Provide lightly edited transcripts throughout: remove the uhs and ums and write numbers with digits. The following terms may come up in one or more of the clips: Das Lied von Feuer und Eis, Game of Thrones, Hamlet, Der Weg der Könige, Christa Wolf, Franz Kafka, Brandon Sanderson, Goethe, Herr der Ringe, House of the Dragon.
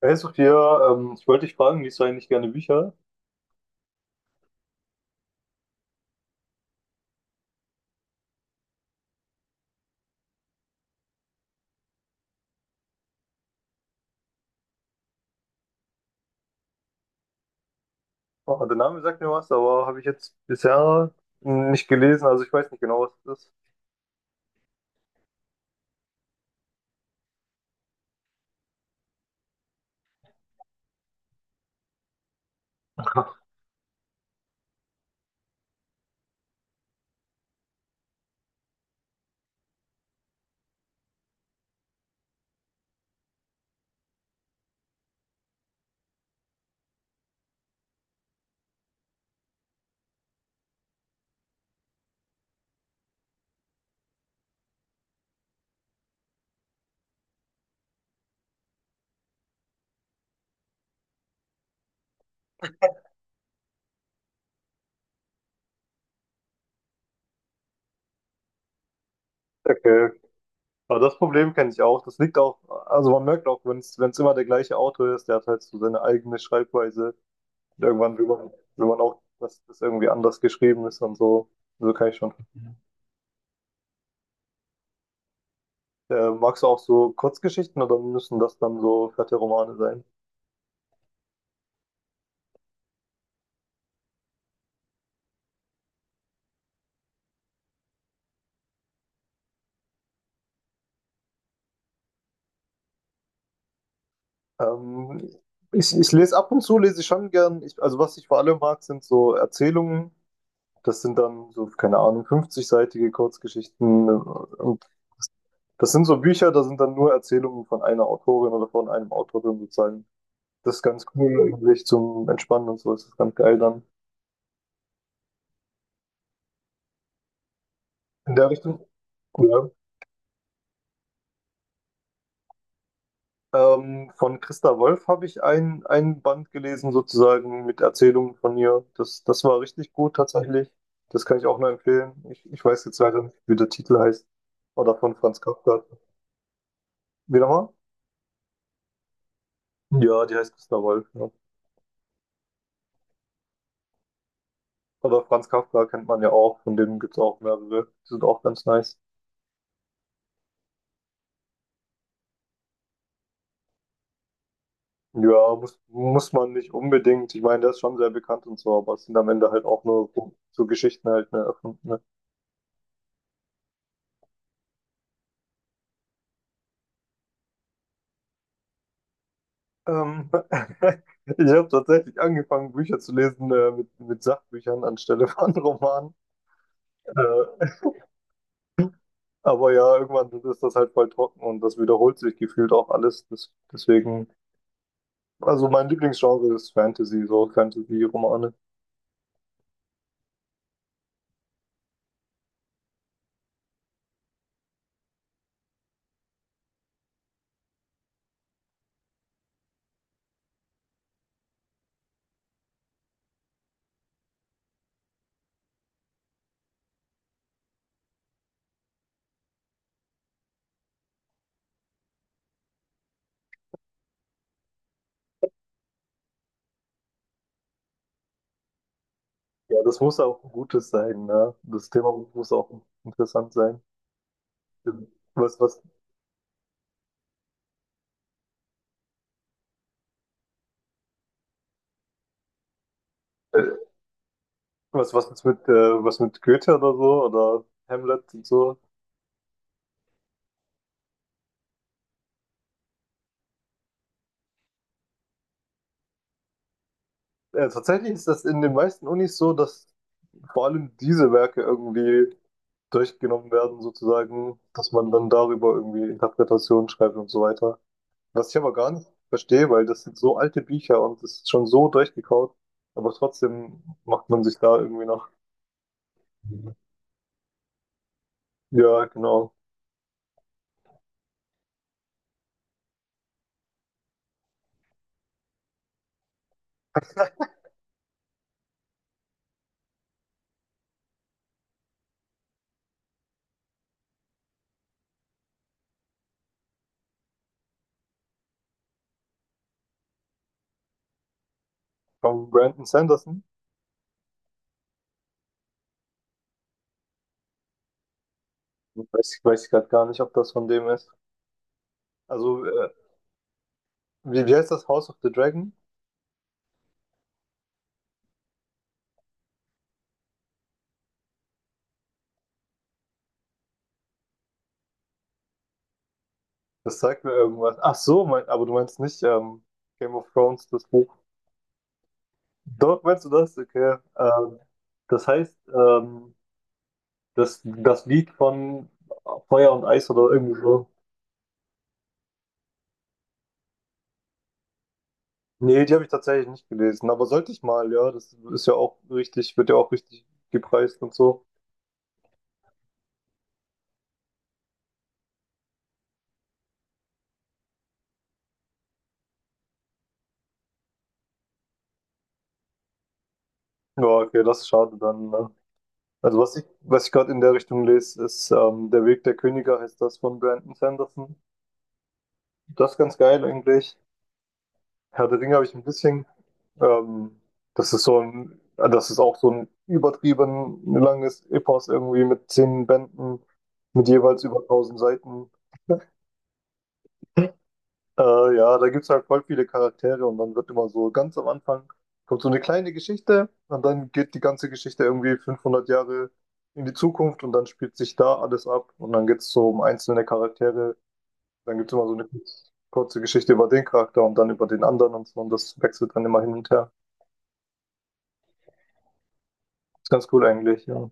Hey Sophia, ich wollte dich fragen, liest du eigentlich gerne Bücher? Oh, der Name sagt mir was, aber habe ich jetzt bisher nicht gelesen, also ich weiß nicht genau, was das ist. Okay. Aber das Problem kenne ich auch. Das liegt auch, also man merkt auch, wenn es immer der gleiche Autor ist, der hat halt so seine eigene Schreibweise. Und will man auch, dass das irgendwie anders geschrieben ist und so. So kann ich schon. Magst du auch so Kurzgeschichten oder müssen das dann so fette Romane sein? Ähm, ich lese ab und zu, lese ich schon gern. Ich, also was ich vor allem mag, sind so Erzählungen. Das sind dann so, keine Ahnung, 50-seitige Kurzgeschichten. Und das sind so Bücher, da sind dann nur Erzählungen von einer Autorin oder von einem Autor drin sozusagen. Das ist ganz cool, eigentlich zum Entspannen und so. Das ist ganz geil dann. In der Richtung. Ja. Von Christa Wolf habe ich ein Band gelesen, sozusagen mit Erzählungen von ihr. Das war richtig gut tatsächlich. Das kann ich auch nur empfehlen. Ich weiß jetzt leider nicht, wie der Titel heißt. Oder von Franz Kafka. Wie nochmal? Ja, die heißt Christa Wolf. Ja. Oder Franz Kafka kennt man ja auch. Von dem gibt es auch mehrere. Die sind auch ganz nice. Ja, muss man nicht unbedingt. Ich meine, der ist schon sehr bekannt und so, aber es sind am Ende halt auch nur so Geschichten halt, ne, erfunden. Ähm, ich habe tatsächlich angefangen, Bücher zu lesen mit Sachbüchern anstelle von Romanen. Äh, aber ja, irgendwann ist das halt voll trocken und das wiederholt sich gefühlt auch alles. Deswegen, also mein Lieblingsgenre ist Fantasy, so Fantasy-Romane. Ja, das muss auch ein gutes sein, ne? Das Thema muss auch interessant sein. Was, was, äh, was jetzt mit, was mit Goethe oder so oder Hamlet und so. Tatsächlich ist das in den meisten Unis so, dass vor allem diese Werke irgendwie durchgenommen werden, sozusagen, dass man dann darüber irgendwie Interpretationen schreibt und so weiter. Was ich aber gar nicht verstehe, weil das sind so alte Bücher und das ist schon so durchgekaut, aber trotzdem macht man sich da irgendwie noch. Ja, genau. Von Brandon Sanderson. Weiß ich gerade gar nicht, ob das von dem ist. Also, wie heißt das House of the Dragon? Das sagt mir irgendwas. Ach so, mein, aber du meinst nicht Game of Thrones, das Buch. Doch, meinst du das? Okay. Das heißt, das Lied von Feuer und Eis oder irgendwie so. Nee, die habe ich tatsächlich nicht gelesen, aber sollte ich mal, ja, das ist ja auch richtig, wird ja auch richtig gepreist und so. Ja, okay, das ist schade dann. Ne? Also was ich gerade in der Richtung lese, ist Der Weg der Könige heißt das von Brandon Sanderson. Das ist ganz geil eigentlich. Herr der Ringe habe ich ein bisschen. Ähm, das ist so ein, das ist auch so ein übertrieben langes Epos irgendwie mit 10 Bänden, mit jeweils über 1.000 Seiten. Ja, da gibt es halt voll viele Charaktere und dann wird immer so ganz am Anfang kommt so eine kleine Geschichte und dann geht die ganze Geschichte irgendwie 500 Jahre in die Zukunft und dann spielt sich da alles ab und dann geht es so um einzelne Charaktere. Dann gibt es immer so eine kurze Geschichte über den Charakter und dann über den anderen und so und das wechselt dann immer hin und her. Ist ganz cool eigentlich, ja.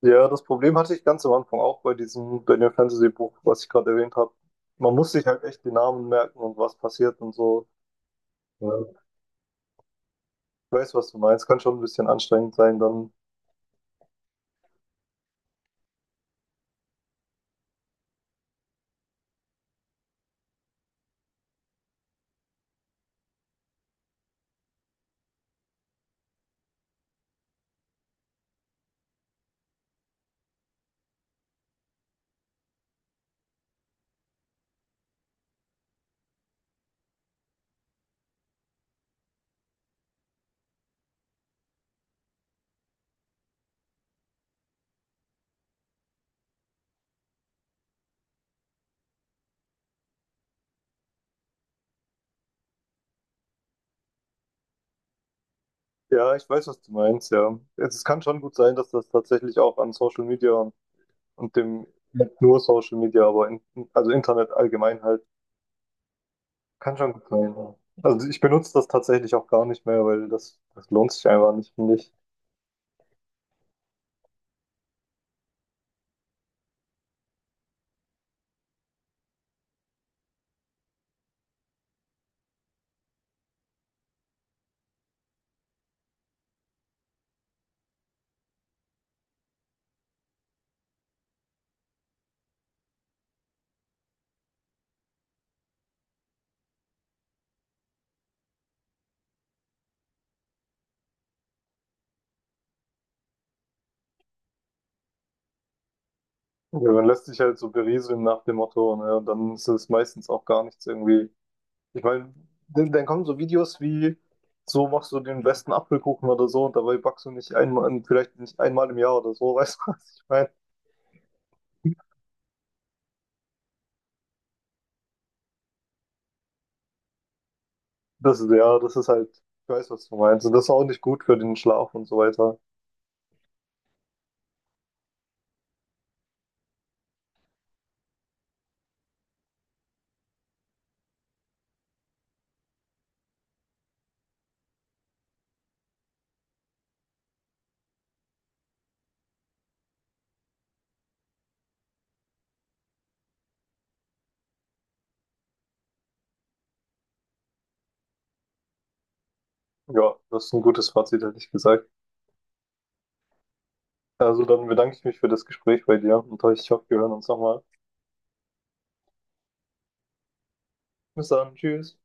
Ja, das Problem hatte ich ganz am Anfang auch bei diesem Daniel Fantasy Buch, was ich gerade erwähnt habe. Man muss sich halt echt die Namen merken und was passiert und so. Ja. Ich weiß, was du meinst. Kann schon ein bisschen anstrengend sein dann. Ja, ich weiß, was du meinst, ja. Jetzt, es kann schon gut sein, dass das tatsächlich auch an Social Media und nicht nur Social Media, aber also Internet allgemein halt, kann schon gut sein. Ja. Also ich benutze das tatsächlich auch gar nicht mehr, weil das lohnt sich einfach nicht, finde ich. Ja, man lässt sich halt so berieseln nach dem Motto, ne? Und dann ist es meistens auch gar nichts irgendwie. Ich meine, dann kommen so Videos wie, so machst du den besten Apfelkuchen oder so und dabei backst du nicht einmal, vielleicht nicht einmal im Jahr oder so, weißt du, was ich meine? Das ist halt, ich weiß, was du meinst. Und das ist auch nicht gut für den Schlaf und so weiter. Ja, das ist ein gutes Fazit, hätte ich gesagt. Also dann bedanke ich mich für das Gespräch bei dir und ich hoffe, wir hören uns nochmal. Bis dann, tschüss.